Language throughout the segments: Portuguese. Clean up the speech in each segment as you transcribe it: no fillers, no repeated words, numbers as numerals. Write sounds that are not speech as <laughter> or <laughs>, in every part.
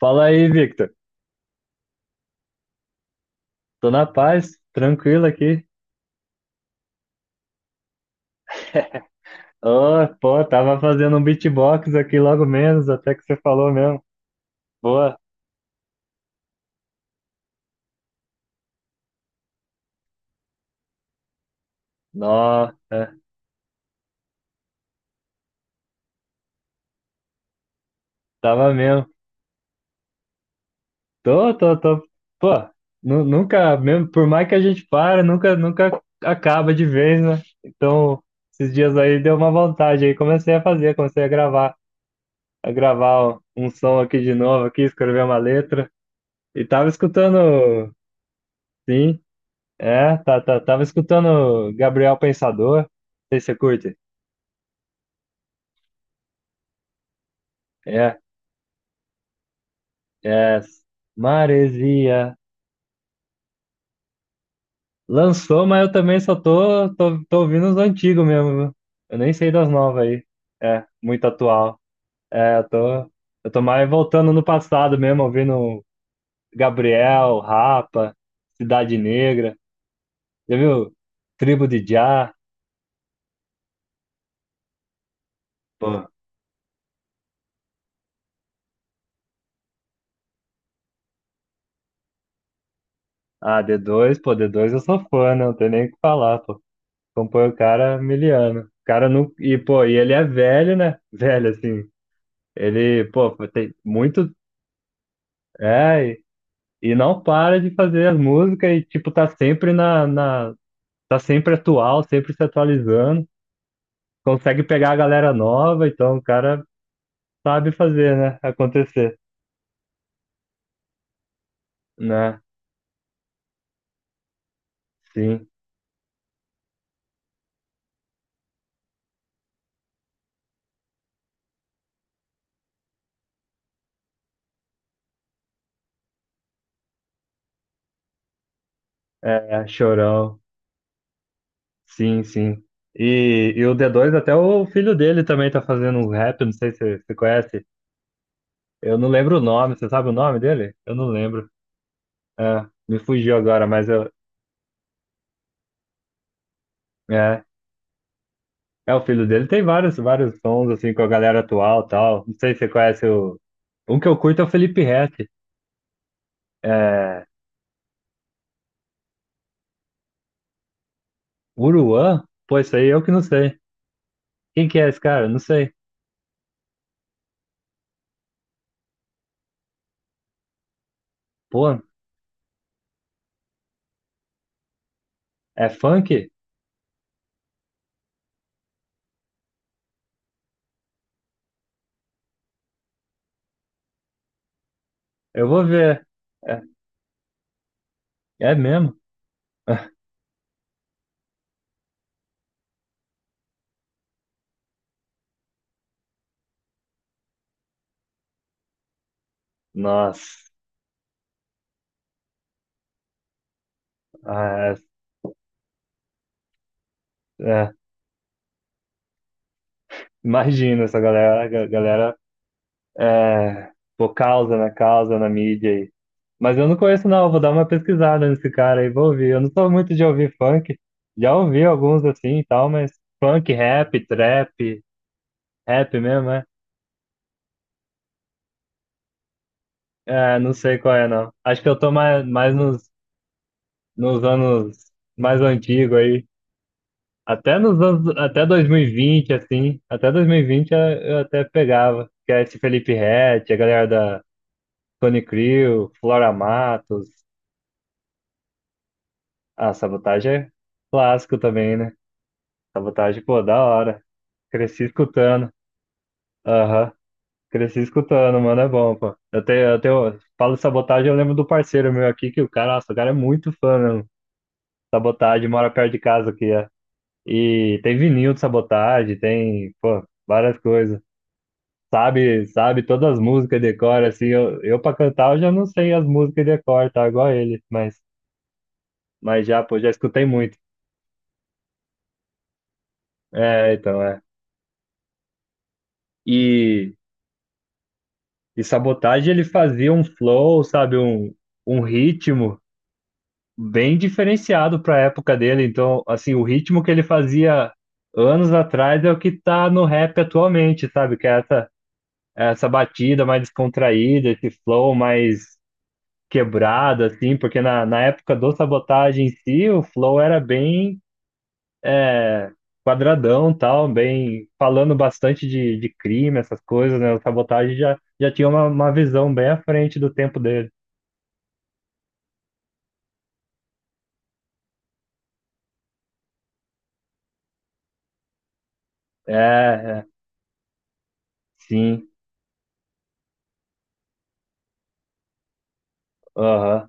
Fala aí, Victor. Tô na paz, tranquilo aqui. <laughs> Oh, pô, tava fazendo um beatbox aqui logo menos, até que você falou mesmo. Pô, nossa, tava mesmo. Tô. Pô, nunca, mesmo, por mais que a gente para, nunca acaba de vez, né? Então, esses dias aí deu uma vontade aí, comecei a fazer, comecei a gravar um som aqui de novo, aqui, escrever uma letra. E tava escutando, sim. É, tava escutando Gabriel Pensador. Não sei se você curte. É, é. Maresia. Lançou, mas eu também só tô ouvindo os antigos mesmo, viu? Eu nem sei das novas aí. É, muito atual. É, eu tô mais voltando no passado mesmo, ouvindo Gabriel, Rapa, Cidade Negra. Já viu? Tribo de Jah. Pô, ah, d dois, pô, D2 eu sou fã, né? Não tem nem o que falar, pô. Compõe o cara miliano. O cara não. E, pô, e ele é velho, né? <laughs> Velho, assim. Ele, pô, tem muito. É, e não para de fazer as músicas e, tipo, tá sempre na. Tá sempre atual, sempre se atualizando. Consegue pegar a galera nova, então o cara sabe fazer, né? Acontecer. Né? Sim. É, Chorão. Sim, sim. E o d dois até o filho dele também tá fazendo um rap, não sei se você conhece. Eu não lembro o nome, você sabe o nome dele? Eu não lembro. É, me fugiu agora, mas eu. É, é o filho dele. Tem vários, vários sons, assim, com a galera atual e tal. Não sei se você conhece o. Um que eu curto é o Felipe Ret. É. Uruan? Pô, isso aí eu que não sei. Quem que é esse cara? Não sei. Pô, é funk? Eu vou ver. É, é mesmo? <laughs> Nossa. Ah, é, é. Imagina essa galera, a galera. É, pô, causa na mídia aí. Mas eu não conheço, não. Vou dar uma pesquisada nesse cara aí, vou ouvir. Eu não sou muito de ouvir funk. Já ouvi alguns assim e tal, mas funk, rap, trap, rap mesmo, é? É, não sei qual é, não. Acho que eu tô mais nos anos mais antigos aí. Até nos anos, até 2020, assim. Até 2020 eu até pegava. Que é esse Felipe Ret, a galera da Tony Crew, Flora Matos. Ah, Sabotagem é clássico também, né? Sabotagem, pô, da hora. Cresci escutando. Aham. Cresci escutando, mano, é bom, pô. Eu tenho, falo de Sabotagem, eu lembro do parceiro meu aqui, que o cara, nossa, o cara é muito fã, mesmo. Sabotagem, mora perto de casa aqui, é. E tem vinil de Sabotagem, tem, pô, várias coisas. Sabe todas as músicas de cor, assim, eu pra cantar eu já não sei as músicas de cor, tá? Igual ele, mas, já, pô, já escutei muito. É, então, é. E... E Sabotage ele fazia um flow, sabe, um ritmo bem diferenciado para a época dele. Então, assim, o ritmo que ele fazia anos atrás é o que tá no rap atualmente, sabe? Que é essa batida mais descontraída, esse flow mais quebrado, assim, porque na época do Sabotage em si, o flow era bem é, quadradão, tal, bem falando bastante de crime, essas coisas, né? O Sabotage já tinha uma visão bem à frente do tempo dele. É, é, sim. Aham.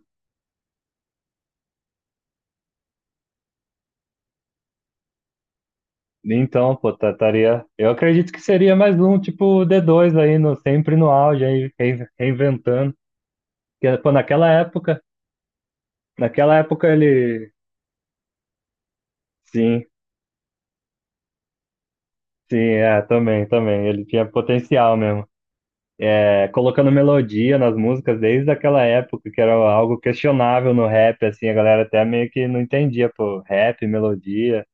Então, pô, estaria. Eu acredito que seria mais um, tipo, d dois aí, sempre no auge, aí, reinventando. Porque, pô, naquela época ele. Sim, sim, é, também, também. Ele tinha potencial mesmo. É, colocando melodia nas músicas desde aquela época, que era algo questionável no rap, assim, a galera até meio que não entendia, pô, rap, melodia.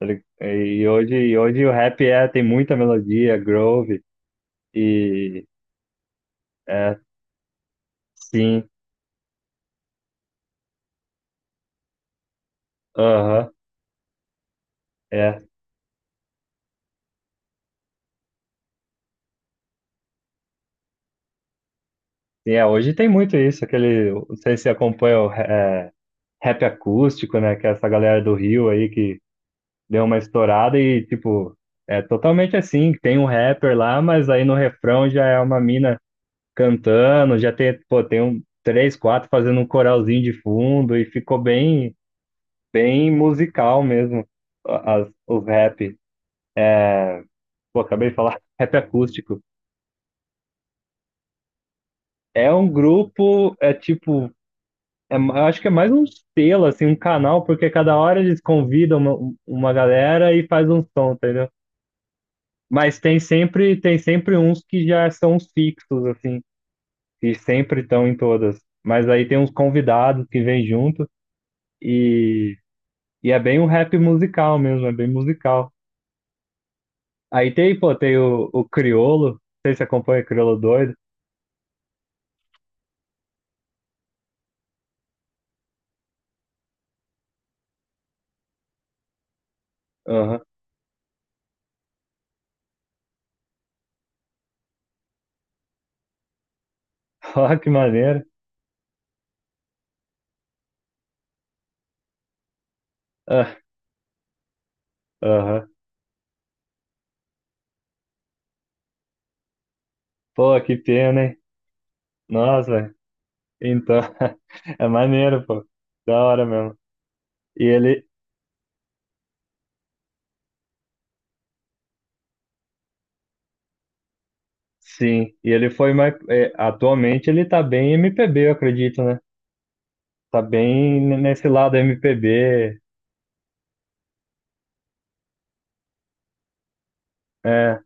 E hoje, o rap tem muita melodia, groove. E é, sim, aham, é, sim, é, hoje tem muito isso, aquele, não sei se acompanha o rap acústico, né, que é essa galera do Rio aí que deu uma estourada e, tipo, é totalmente assim, tem um rapper lá, mas aí no refrão já é uma mina cantando, já tem, pô, tem um, três, quatro fazendo um coralzinho de fundo e ficou bem, bem musical mesmo, as, os rap, pô, acabei de falar, <laughs> rap acústico. É um grupo, é tipo eu acho que é mais um selo, assim, um canal, porque cada hora eles convidam uma galera e faz um som, entendeu? Mas tem sempre uns que já são os fixos, assim, que sempre estão em todas. Mas aí tem uns convidados que vêm junto e, e é bem um rap musical mesmo, é bem musical. Aí tem, pô, tem o Criolo, não sei se acompanha o Criolo doido. Aham. <laughs> Ó, que maneiro. Ah, aham. Pô, que pena, hein? Nossa, então, <laughs> é maneiro, pô. Da hora mesmo. E ele, sim, e ele foi mais. É, atualmente ele tá bem MPB, eu acredito, né? Tá bem nesse lado MPB. É,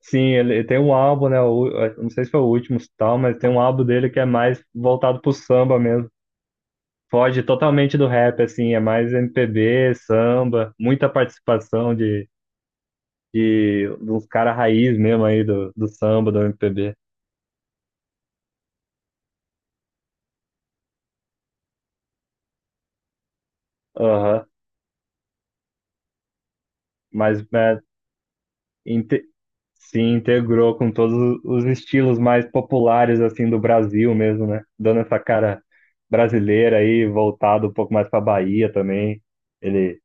sim, ele tem um álbum, né? Eu não sei se foi o último e tal, mas tem um álbum dele que é mais voltado pro samba mesmo. Foge totalmente do rap, assim, é mais MPB, samba, muita participação de dos caras raiz mesmo aí do samba, do MPB. Aham. Mas é, se integrou com todos os estilos mais populares assim do Brasil mesmo, né? Dando essa cara brasileira aí, voltado um pouco mais para Bahia também. Ele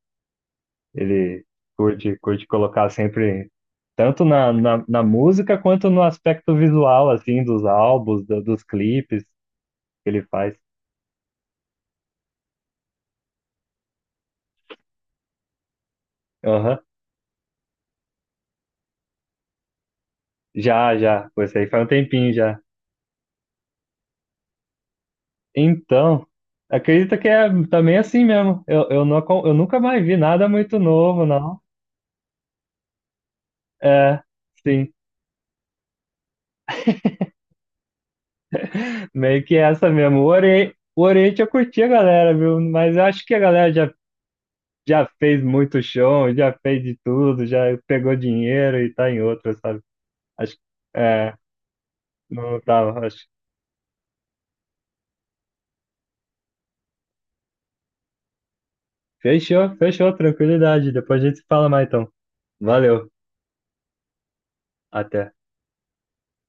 ele curte colocar sempre tanto na música quanto no aspecto visual assim dos álbuns, dos clipes que ele faz. Aham. Já, já, foi isso aí faz um tempinho já. Então, acredita que é também assim mesmo. Eu, não, eu nunca mais vi nada muito novo, não. É, sim. Meio que essa mesmo. O Oriente eu curti a galera, viu? Mas eu acho que a galera já fez muito show, já fez de tudo, já pegou dinheiro e tá em outra, sabe? Acho que. É, não tava, acho. Fechou, fechou, tranquilidade. Depois a gente se fala mais então. Valeu, até.